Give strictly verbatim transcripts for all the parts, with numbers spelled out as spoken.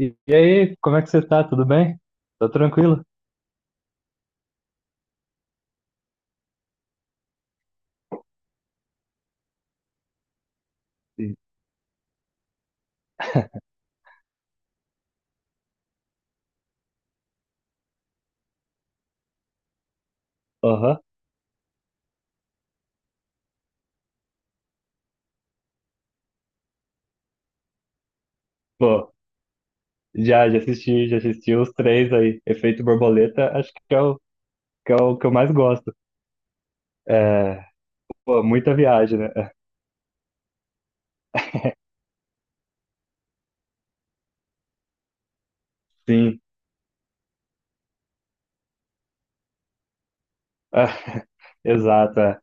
E e aí, como é que você tá? Tudo bem? Tá tranquilo? Sim. Aham. Pô, já, já assisti, já assisti os três aí. Efeito Borboleta, acho que é o que, é o que eu mais gosto. É, pô, muita viagem, né? Sim. Ah, exato, é.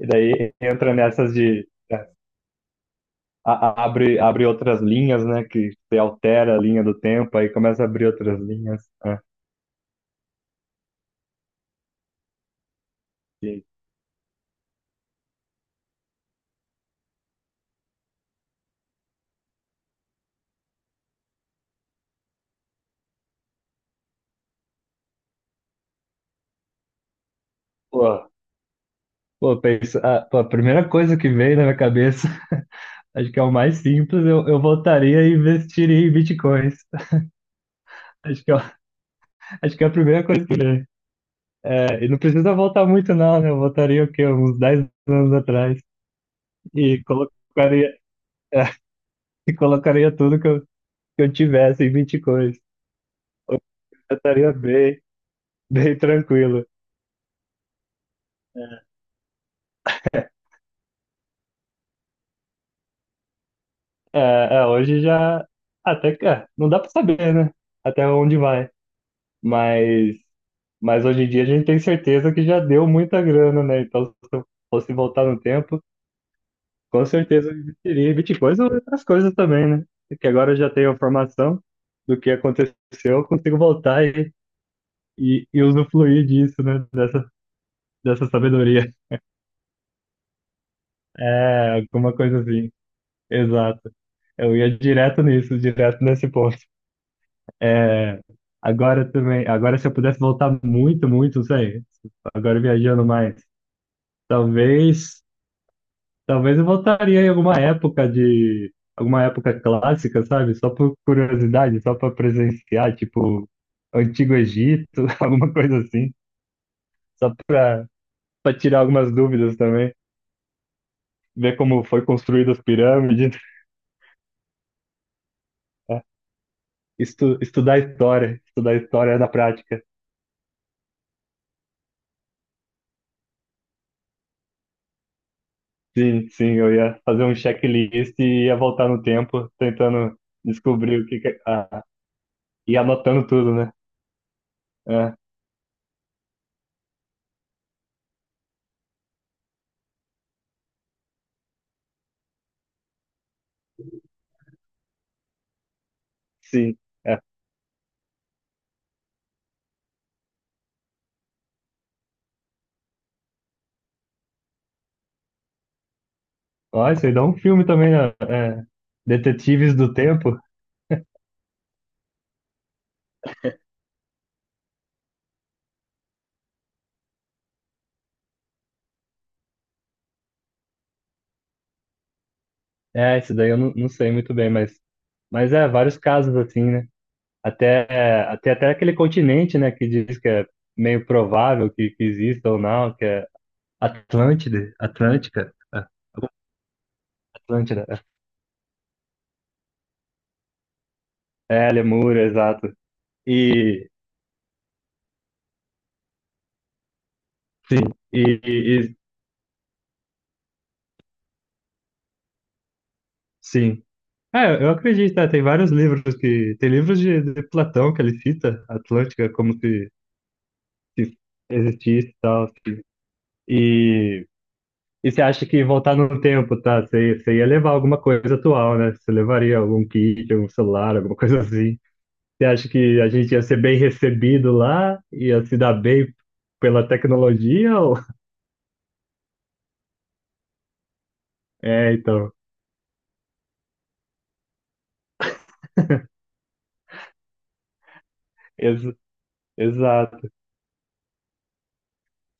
E daí entra nessas de. é, a- a- abre, abre outras linhas, né? Que você altera a linha do tempo, aí começa a abrir outras linhas. É, sim. Pô, pô, pensa, ah, pô, a primeira coisa que veio na minha cabeça. Acho que é o mais simples. Eu, eu voltaria e investiria em bitcoins. Acho que, é, o- acho que é a primeira coisa que vem. É, e não precisa voltar muito, não, né? Eu voltaria o quê? Uns dez anos atrás. E colocaria, e colocaria tudo que eu, que eu, tivesse em bitcoins. Eu estaria bem, bem tranquilo. É, é, hoje já. Até que. é, não dá para saber, né? Até onde vai. Mas. Mas hoje em dia a gente tem certeza que já deu muita grana, né? Então, se eu fosse voltar no tempo. Com certeza eu investiria em Bitcoins ou outras coisas também, né? Porque agora eu já tenho a informação do que aconteceu, eu consigo voltar e, e, e usufruir disso, né? Dessa, dessa sabedoria. É, alguma coisa assim. Exato. Eu ia direto nisso, direto nesse ponto. É, agora também, agora se eu pudesse voltar muito, muito, não sei, agora viajando mais, talvez. Talvez eu voltaria em alguma época de. Alguma época clássica, sabe? Só por curiosidade, só para presenciar, tipo, Antigo Egito, alguma coisa assim. Só para para tirar algumas dúvidas também. Ver como foi construída as pirâmides. Né? Estu, estudar história. Estudar história na prática. Sim, sim, eu ia fazer um checklist e ia voltar no tempo, tentando descobrir o que que. Ah, e anotando tudo, né? É, sim. É, ó, isso aí dá um filme também, né? É, Detetives do Tempo. É, isso daí eu não, não sei muito bem, mas, mas é, vários casos assim, né? Até, é, até, até aquele continente, né, que diz que é meio provável que, que exista ou não, que é Atlântide, Atlântica, é, Atlântida, é, Lemúria, exato. E, sim, e, e- e- sim. É, eu acredito, né, tem vários livros que, tem livros de, de Platão que ele cita Atlântica como se, se existisse e tal, assim. E, e você acha que voltar no tempo, tá? Você, você ia levar alguma coisa atual, né? Você levaria algum kit, algum celular, alguma coisa assim. Você acha que a gente ia ser bem recebido lá? Ia se dar bem pela tecnologia? Ou... é, então. Ex exato.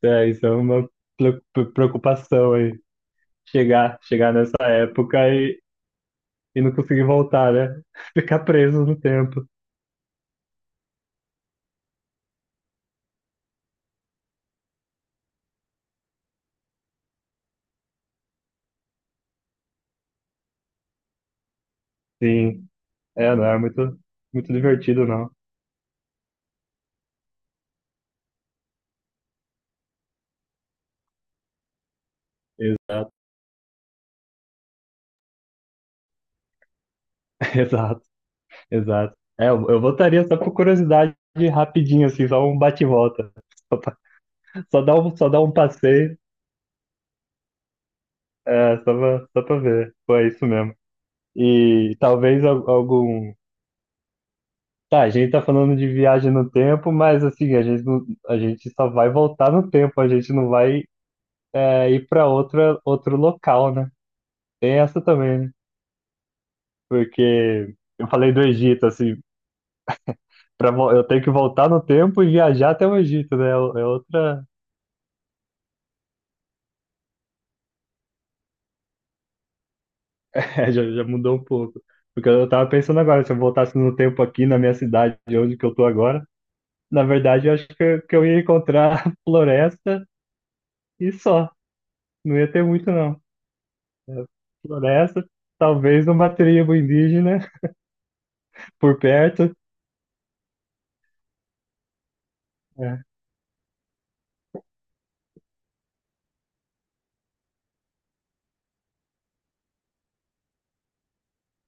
É, isso é uma pre- pre- preocupação aí. Chegar, chegar nessa época e, e não conseguir voltar, né? Ficar preso no tempo. Sim. É, não é muito, muito divertido, não. Exato, exato. Exato. É, eu, eu votaria só por curiosidade rapidinho, assim, só um bate-volta. Só, pra- só dá um, só dá um passeio, é, só pra, só pra ver. Pô, é isso mesmo. E talvez al- algum. Tá, a gente tá falando de viagem no tempo, mas assim, a gente, não- a gente só vai voltar no tempo, a gente não vai é, ir pra outra, outro local, né? Tem essa também, né? Porque eu falei do Egito, assim, pra, vo- eu tenho que voltar no tempo e viajar até o Egito, né? É o- é outra. É, já, já mudou um pouco. Porque eu tava pensando agora, se eu voltasse no tempo aqui na minha cidade, de onde que eu tô agora, na verdade eu acho que eu, que eu ia encontrar floresta e só. Não ia ter muito, não. É, floresta, talvez uma tribo indígena por perto. É,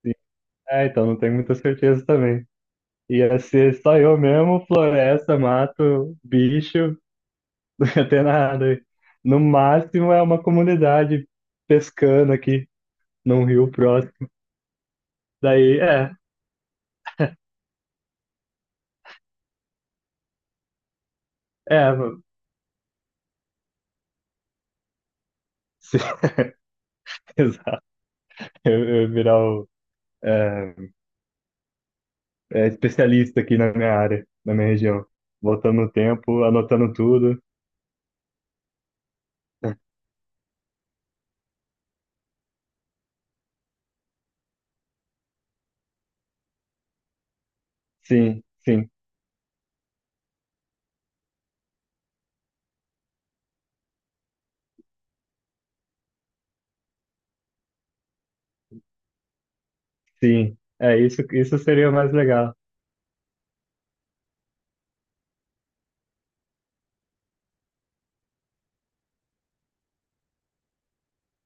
sim. É, então não tenho muita certeza também. Ia ser só eu mesmo, floresta, mato, bicho, não ia ter nada aí. No máximo é uma comunidade pescando aqui num rio próximo. Daí, é. É, mano. Se- Exato. Eu, eu virar o é, é, especialista aqui na minha área, na minha região. Voltando no tempo, anotando tudo. Sim, sim, sim. É, isso, isso seria o mais legal.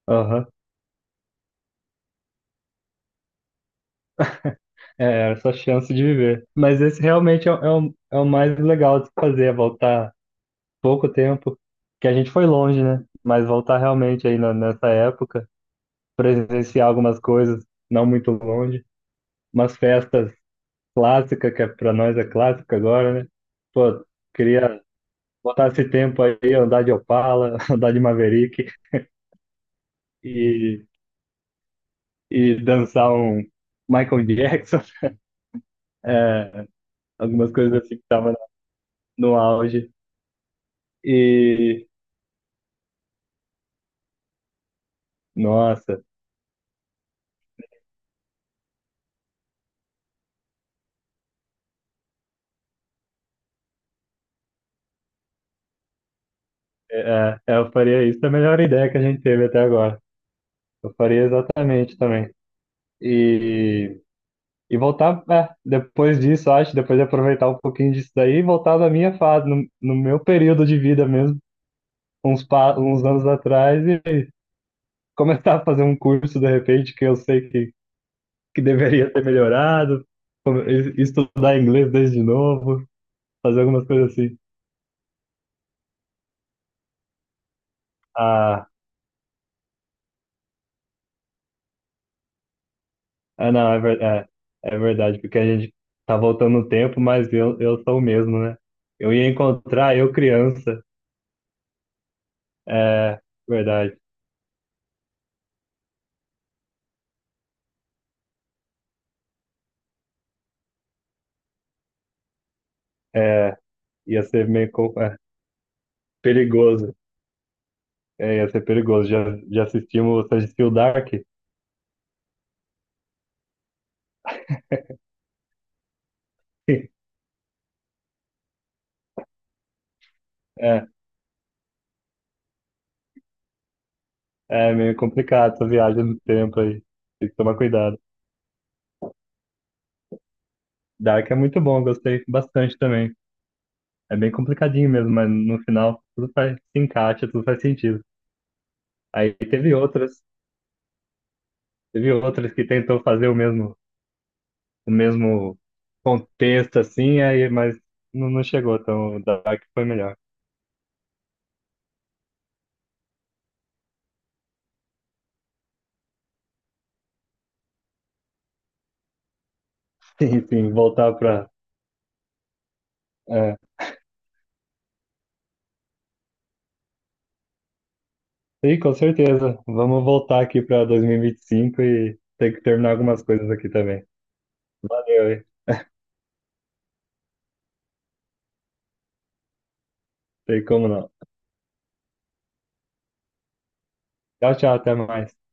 Aham. É, essa chance de viver. Mas esse realmente é, o- é, o, é o mais legal de se fazer, é voltar pouco tempo, que a gente foi longe, né? Mas voltar realmente aí na- nessa época, presenciar algumas coisas, não muito longe, umas festas clássica, que é, pra nós é clássica agora, né? Pô, queria botar esse tempo aí, andar de Opala, andar de Maverick e, e dançar um Michael Jackson, é, algumas coisas assim que estavam no auge. E, nossa, é, é, eu faria isso, é a melhor ideia que a gente teve até agora. Eu faria exatamente também. E, e voltar, é, depois disso, acho, depois de aproveitar um pouquinho disso daí, e voltar na minha fase, no, no meu período de vida mesmo, uns, pa- uns anos atrás e começar a fazer um curso de repente que eu sei que, que deveria ter melhorado, come- es- estudar inglês desde novo, fazer algumas coisas assim. Ah, ah não, é, ver- é, é verdade, porque a gente tá voltando no tempo, mas eu, eu sou o mesmo, né? Eu ia encontrar eu criança, é verdade, é, ia ser meio co- é, perigoso, é, ia ser perigoso. Já, já assistimos, você assistiu Dark? É, É meio complicado essa viagem no tempo aí. Tem que tomar cuidado. Dark é muito bom, gostei bastante também. É bem complicadinho mesmo, mas no final tudo faz, se encaixa, tudo faz sentido. Aí teve outras, teve outras que tentou fazer o mesmo, o mesmo contexto assim, aí, mas não, não chegou, então o Dark foi melhor. Sim, sim, voltar pra. É. Sim, com certeza. Vamos voltar aqui pra dois mil e vinte e cinco e vinte e cinco e ter que terminar algumas coisas aqui também. Valeu, hein? Tem como não. Tchau, tchau, até mais.